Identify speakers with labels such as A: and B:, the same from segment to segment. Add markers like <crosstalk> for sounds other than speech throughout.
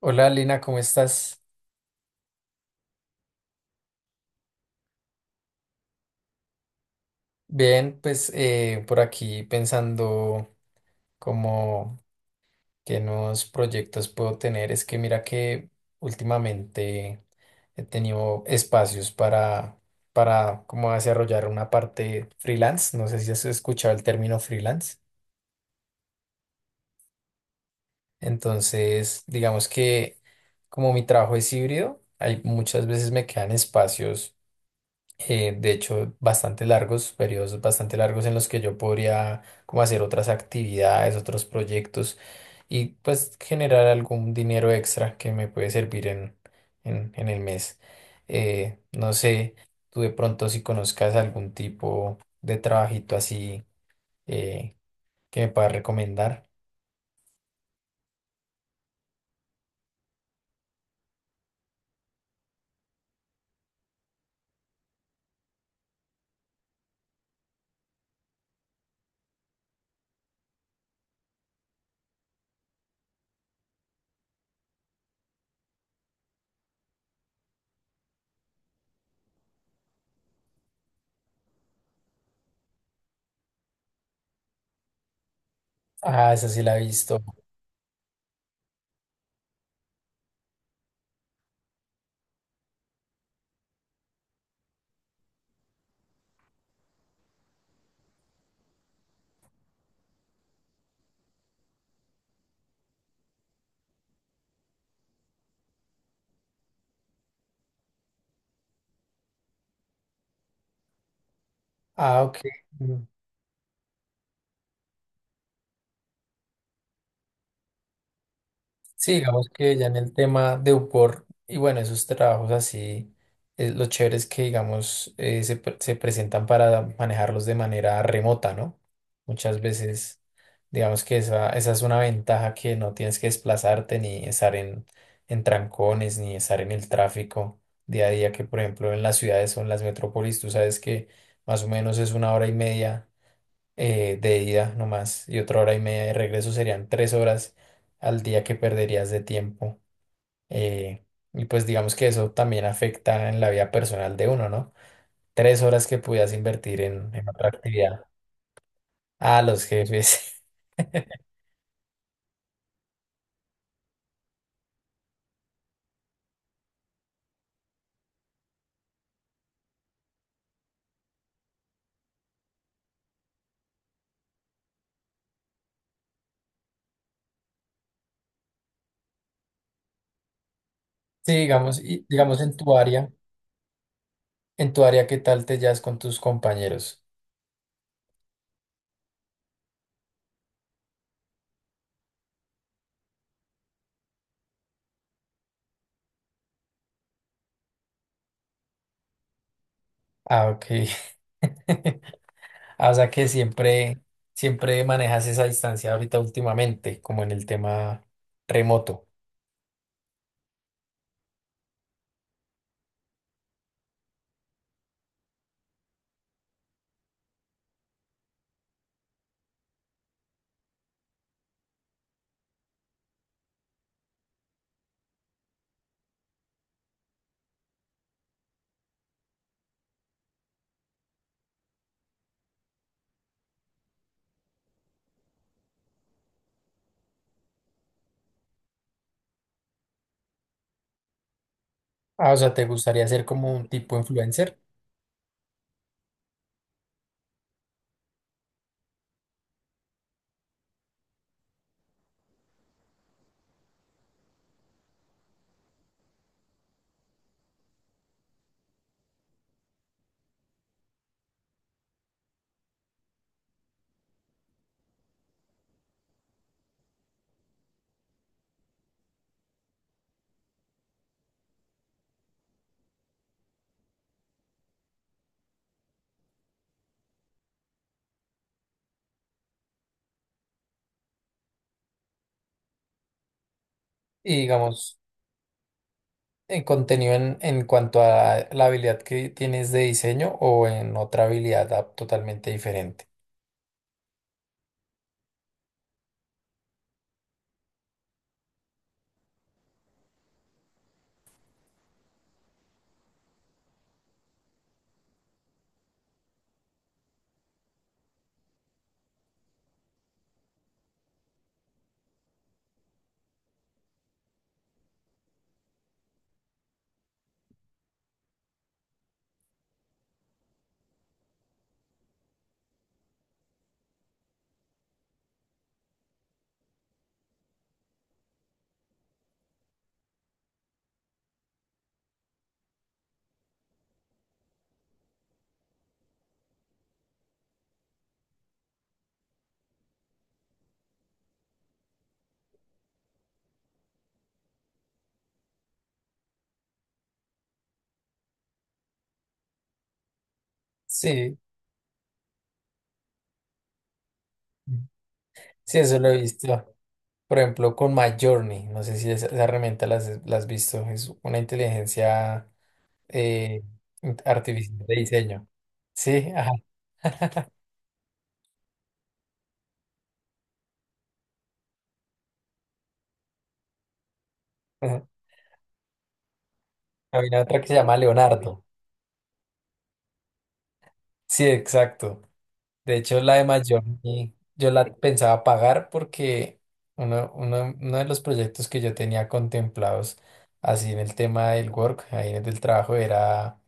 A: Hola Lina, ¿cómo estás? Bien, pues por aquí pensando como qué nuevos proyectos puedo tener. Es que mira que últimamente he tenido espacios para como desarrollar una parte freelance. No sé si has escuchado el término freelance. Entonces, digamos que como mi trabajo es híbrido, hay muchas veces me quedan espacios de hecho, bastante largos, periodos bastante largos en los que yo podría como hacer otras actividades, otros proyectos, y pues generar algún dinero extra que me puede servir en el mes. No sé, tú de pronto si conozcas algún tipo de trabajito así eh, que me puedas recomendar. Ah, esa sí la he visto. Ah, ok. Sí, digamos que ya en el tema de UPOR y bueno, esos trabajos así, lo chévere es que digamos se presentan para manejarlos de manera remota, ¿no? Muchas veces, digamos que esa es una ventaja que no tienes que desplazarte ni estar en trancones, ni estar en el tráfico día a día, que por ejemplo en las ciudades o en las metrópolis, tú sabes que más o menos es una hora y media de ida nomás y otra hora y media de regreso serían tres horas al día que perderías de tiempo. eh, y pues digamos que eso también afecta en la vida personal de uno, ¿no? Tres horas que pudieras invertir en otra actividad. A los jefes. <laughs> Sí, digamos, en tu área, ¿qué tal te llevas con tus compañeros? Ah, ok. <laughs> Ah, o sea que siempre manejas esa distancia ahorita últimamente, como en el tema remoto. Ah, o sea, ¿te gustaría ser como un tipo influencer? Y digamos, en contenido en cuanto a la habilidad que tienes de diseño o en otra habilidad ah, totalmente diferente. Sí, sí, eso lo he visto. Por ejemplo, con MyJourney, no sé si esa herramienta la has visto, es una inteligencia eh, artificial de diseño. Sí, ajá. Ajá. Había otra que se llama Leonardo. Sí, exacto. De hecho, la de Miami yo la pensaba pagar porque uno de los proyectos que yo tenía contemplados así en el tema del work, ahí en el del trabajo,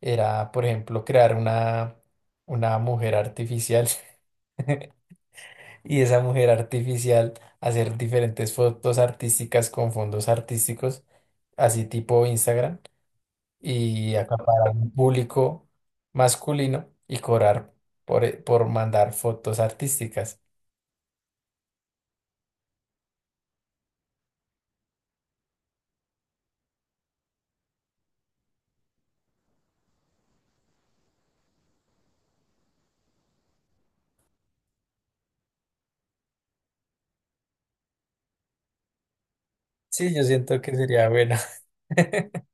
A: era, por ejemplo, crear una mujer artificial <laughs> y esa mujer artificial hacer diferentes fotos artísticas con fondos artísticos, así tipo Instagram, y acaparar un público masculino y cobrar por mandar fotos artísticas. Sí, yo siento que sería buena. <laughs>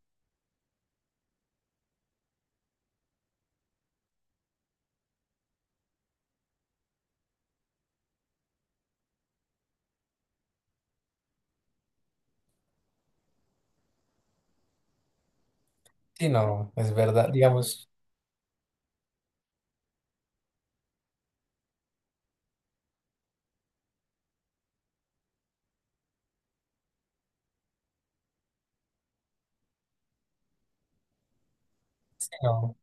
A: Sí, no, es verdad. Digamos, sí, no,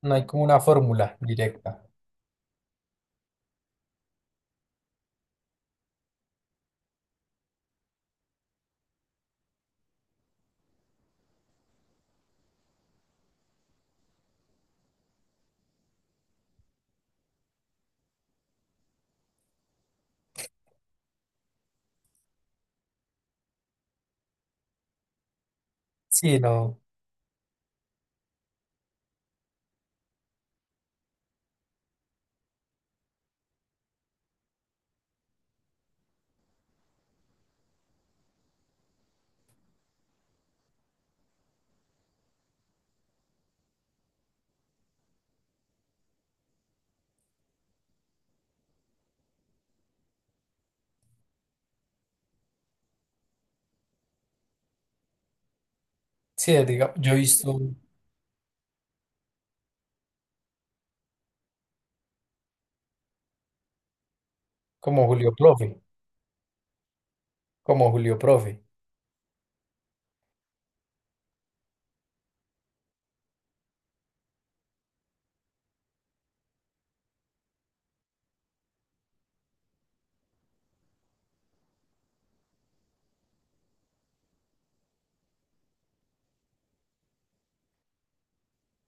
A: no hay como una fórmula directa. Sí, no. Sí, diga, yo he visto como Julio Profe, como Julio Profe.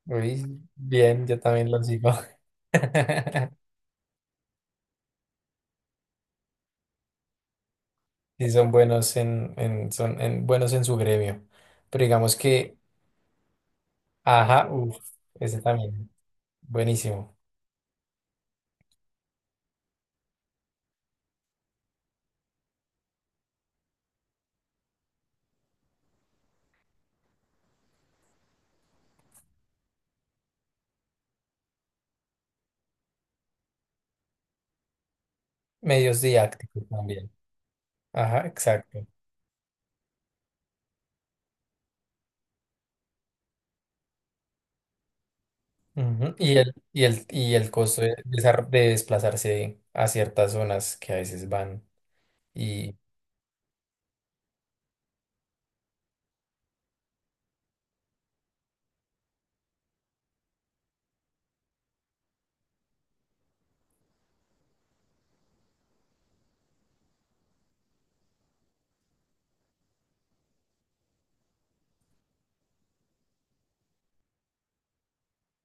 A: Uy, bien, yo también lo sigo. <laughs> Y son buenos buenos en su gremio. Pero digamos que, ajá, uff, ese también. Buenísimo. Medios didácticos también. Ajá, exacto. Ujú, y el costo de, de desplazarse a ciertas zonas que a veces van. Y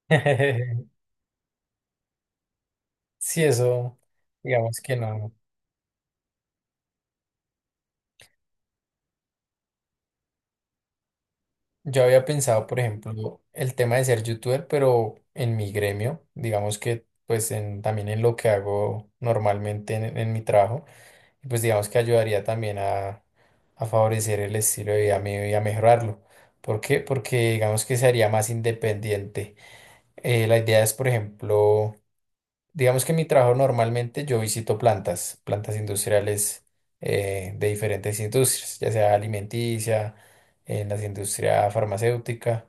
A: <laughs> sí, eso, digamos que no. Yo había pensado, por ejemplo, el tema de ser youtuber, pero en mi gremio, digamos que pues en, también en lo que hago normalmente en mi trabajo, y pues digamos que ayudaría también a favorecer el estilo de vida mío y a mejorarlo. ¿Por qué? Porque digamos que se haría más independiente. La idea es, por ejemplo, digamos que en mi trabajo normalmente yo visito plantas, plantas industriales de diferentes industrias, ya sea alimenticia, en la industria farmacéutica,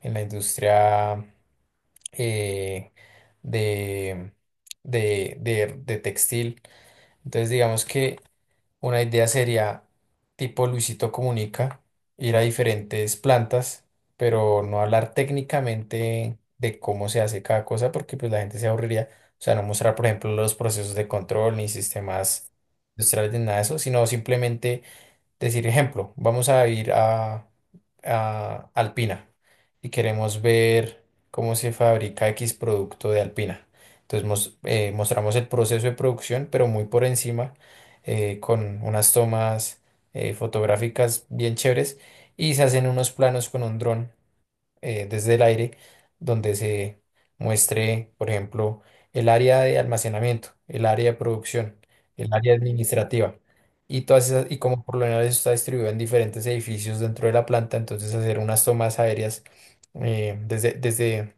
A: en la industria eh, de, de textil. Entonces digamos que una idea sería tipo Luisito Comunica, ir a diferentes plantas, pero no hablar técnicamente de cómo se hace cada cosa, porque pues la gente se aburriría. O sea, no mostrar, por ejemplo, los procesos de control ni sistemas industriales ni nada de eso, sino simplemente decir, ejemplo, vamos a Alpina y queremos ver cómo se fabrica X producto de Alpina. Entonces mostramos el proceso de producción, pero muy por encima, con unas tomas fotográficas bien chéveres, y se hacen unos planos con un dron desde el aire donde se muestre, por ejemplo, el área de almacenamiento, el área de producción, el área administrativa. Y todas esas, y como por lo general eso está distribuido en diferentes edificios dentro de la planta, entonces hacer unas tomas aéreas eh, desde, desde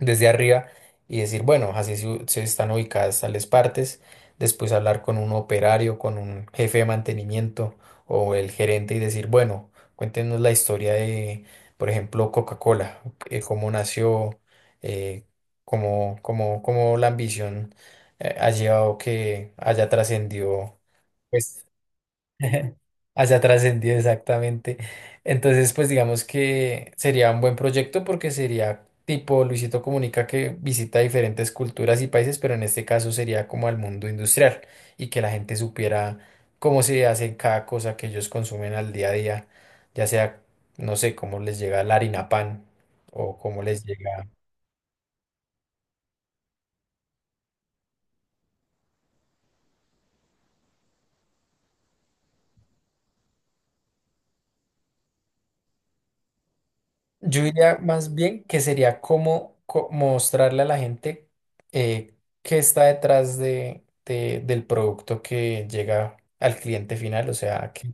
A: desde arriba y decir, bueno, así se están ubicadas tales partes, después hablar con un operario, con un jefe de mantenimiento o el gerente y decir, bueno, cuéntenos la historia de, por ejemplo, Coca-Cola, cómo nació, eh, cómo la ambición ha llevado que haya trascendido. Pues <laughs> hacia trascendido, exactamente. Entonces, pues digamos que sería un buen proyecto porque sería tipo Luisito Comunica que visita diferentes culturas y países, pero en este caso sería como al mundo industrial y que la gente supiera cómo se hace cada cosa que ellos consumen al día a día, ya sea, no sé, cómo les llega la harina pan o cómo les llega. Yo diría más bien que sería como, mostrarle a la gente eh, qué está detrás del producto que llega al cliente final, o sea, qué,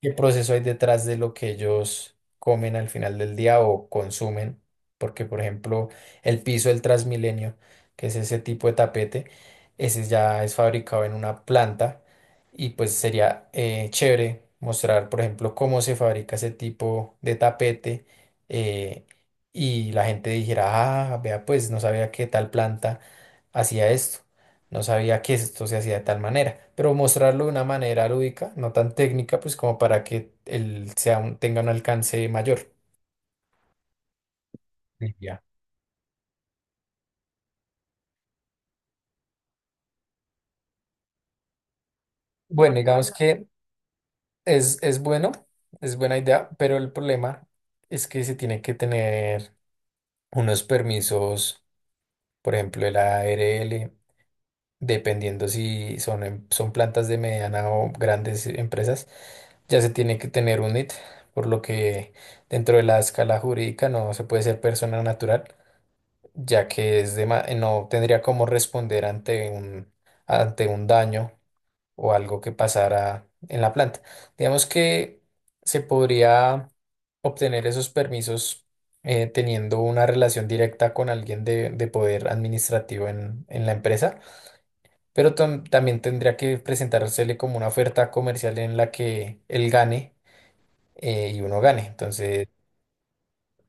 A: ¿qué proceso hay detrás de lo que ellos comen al final del día o consumen? Porque, por ejemplo, el piso del Transmilenio, que es ese tipo de tapete, ese ya es fabricado en una planta, y pues sería chévere mostrar, por ejemplo, cómo se fabrica ese tipo de tapete eh, y la gente dijera, ah, vea, pues no sabía que tal planta hacía esto. No sabía que esto se hacía de tal manera, pero mostrarlo de una manera lúdica, no tan técnica, pues como para que él tenga un alcance mayor. Sí, ya. Bueno, digamos que es bueno, es buena idea, pero el problema es que se tiene que tener unos permisos, por ejemplo, el ARL, dependiendo si son plantas de mediana o grandes empresas, ya se tiene que tener un NIT, por lo que dentro de la escala jurídica no se puede ser persona natural ya que no tendría cómo responder ante un daño o algo que pasara en la planta. Digamos que se podría obtener esos permisos teniendo una relación directa con alguien de poder administrativo en la empresa, pero también tendría que presentársele como una oferta comercial en la que él gane y uno gane. Entonces,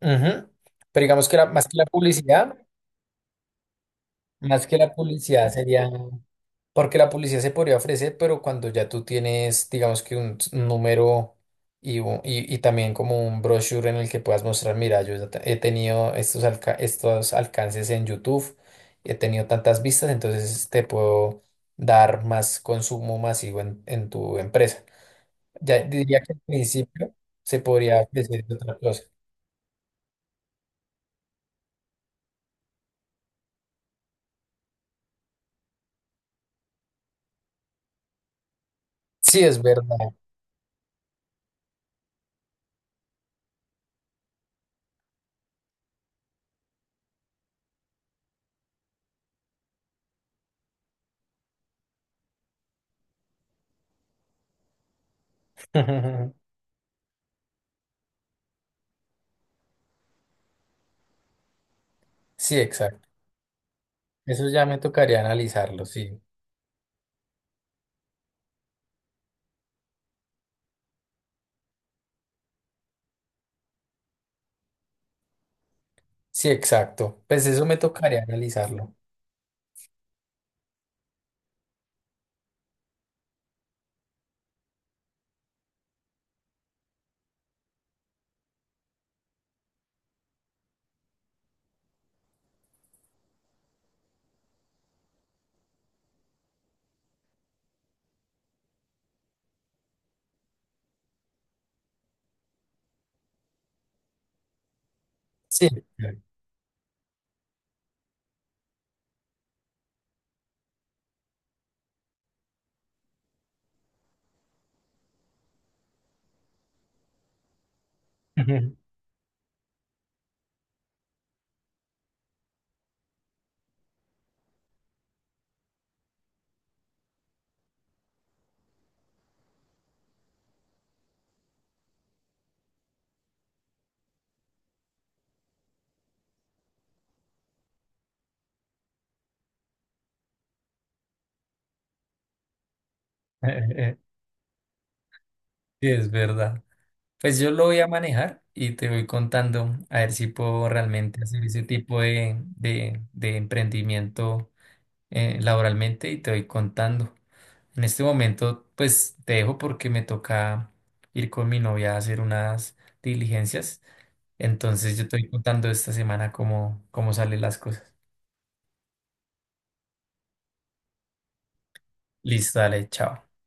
A: ujú. Pero digamos que más que la publicidad, más que la publicidad sería... Porque la publicidad se podría ofrecer, pero cuando ya tú tienes, digamos que número, y también como un brochure en el que puedas mostrar, mira, he tenido estos, estos alcances en YouTube, he tenido tantas vistas, entonces te puedo dar más consumo masivo en tu empresa. Ya diría que al principio se podría ofrecer de otra cosa. Sí, es verdad. <laughs> Sí, exacto. Eso ya me tocaría analizarlo, sí. Sí, exacto. Pues eso me tocaría analizarlo. Sí. Ujú. Eh, <laughs> Sí, es verdad. Pues yo lo voy a manejar y te voy contando a ver si puedo realmente hacer ese tipo de emprendimiento laboralmente, y te voy contando. En este momento, pues te dejo porque me toca ir con mi novia a hacer unas diligencias. Entonces yo te voy contando esta semana cómo salen las cosas. Listo, dale, chao.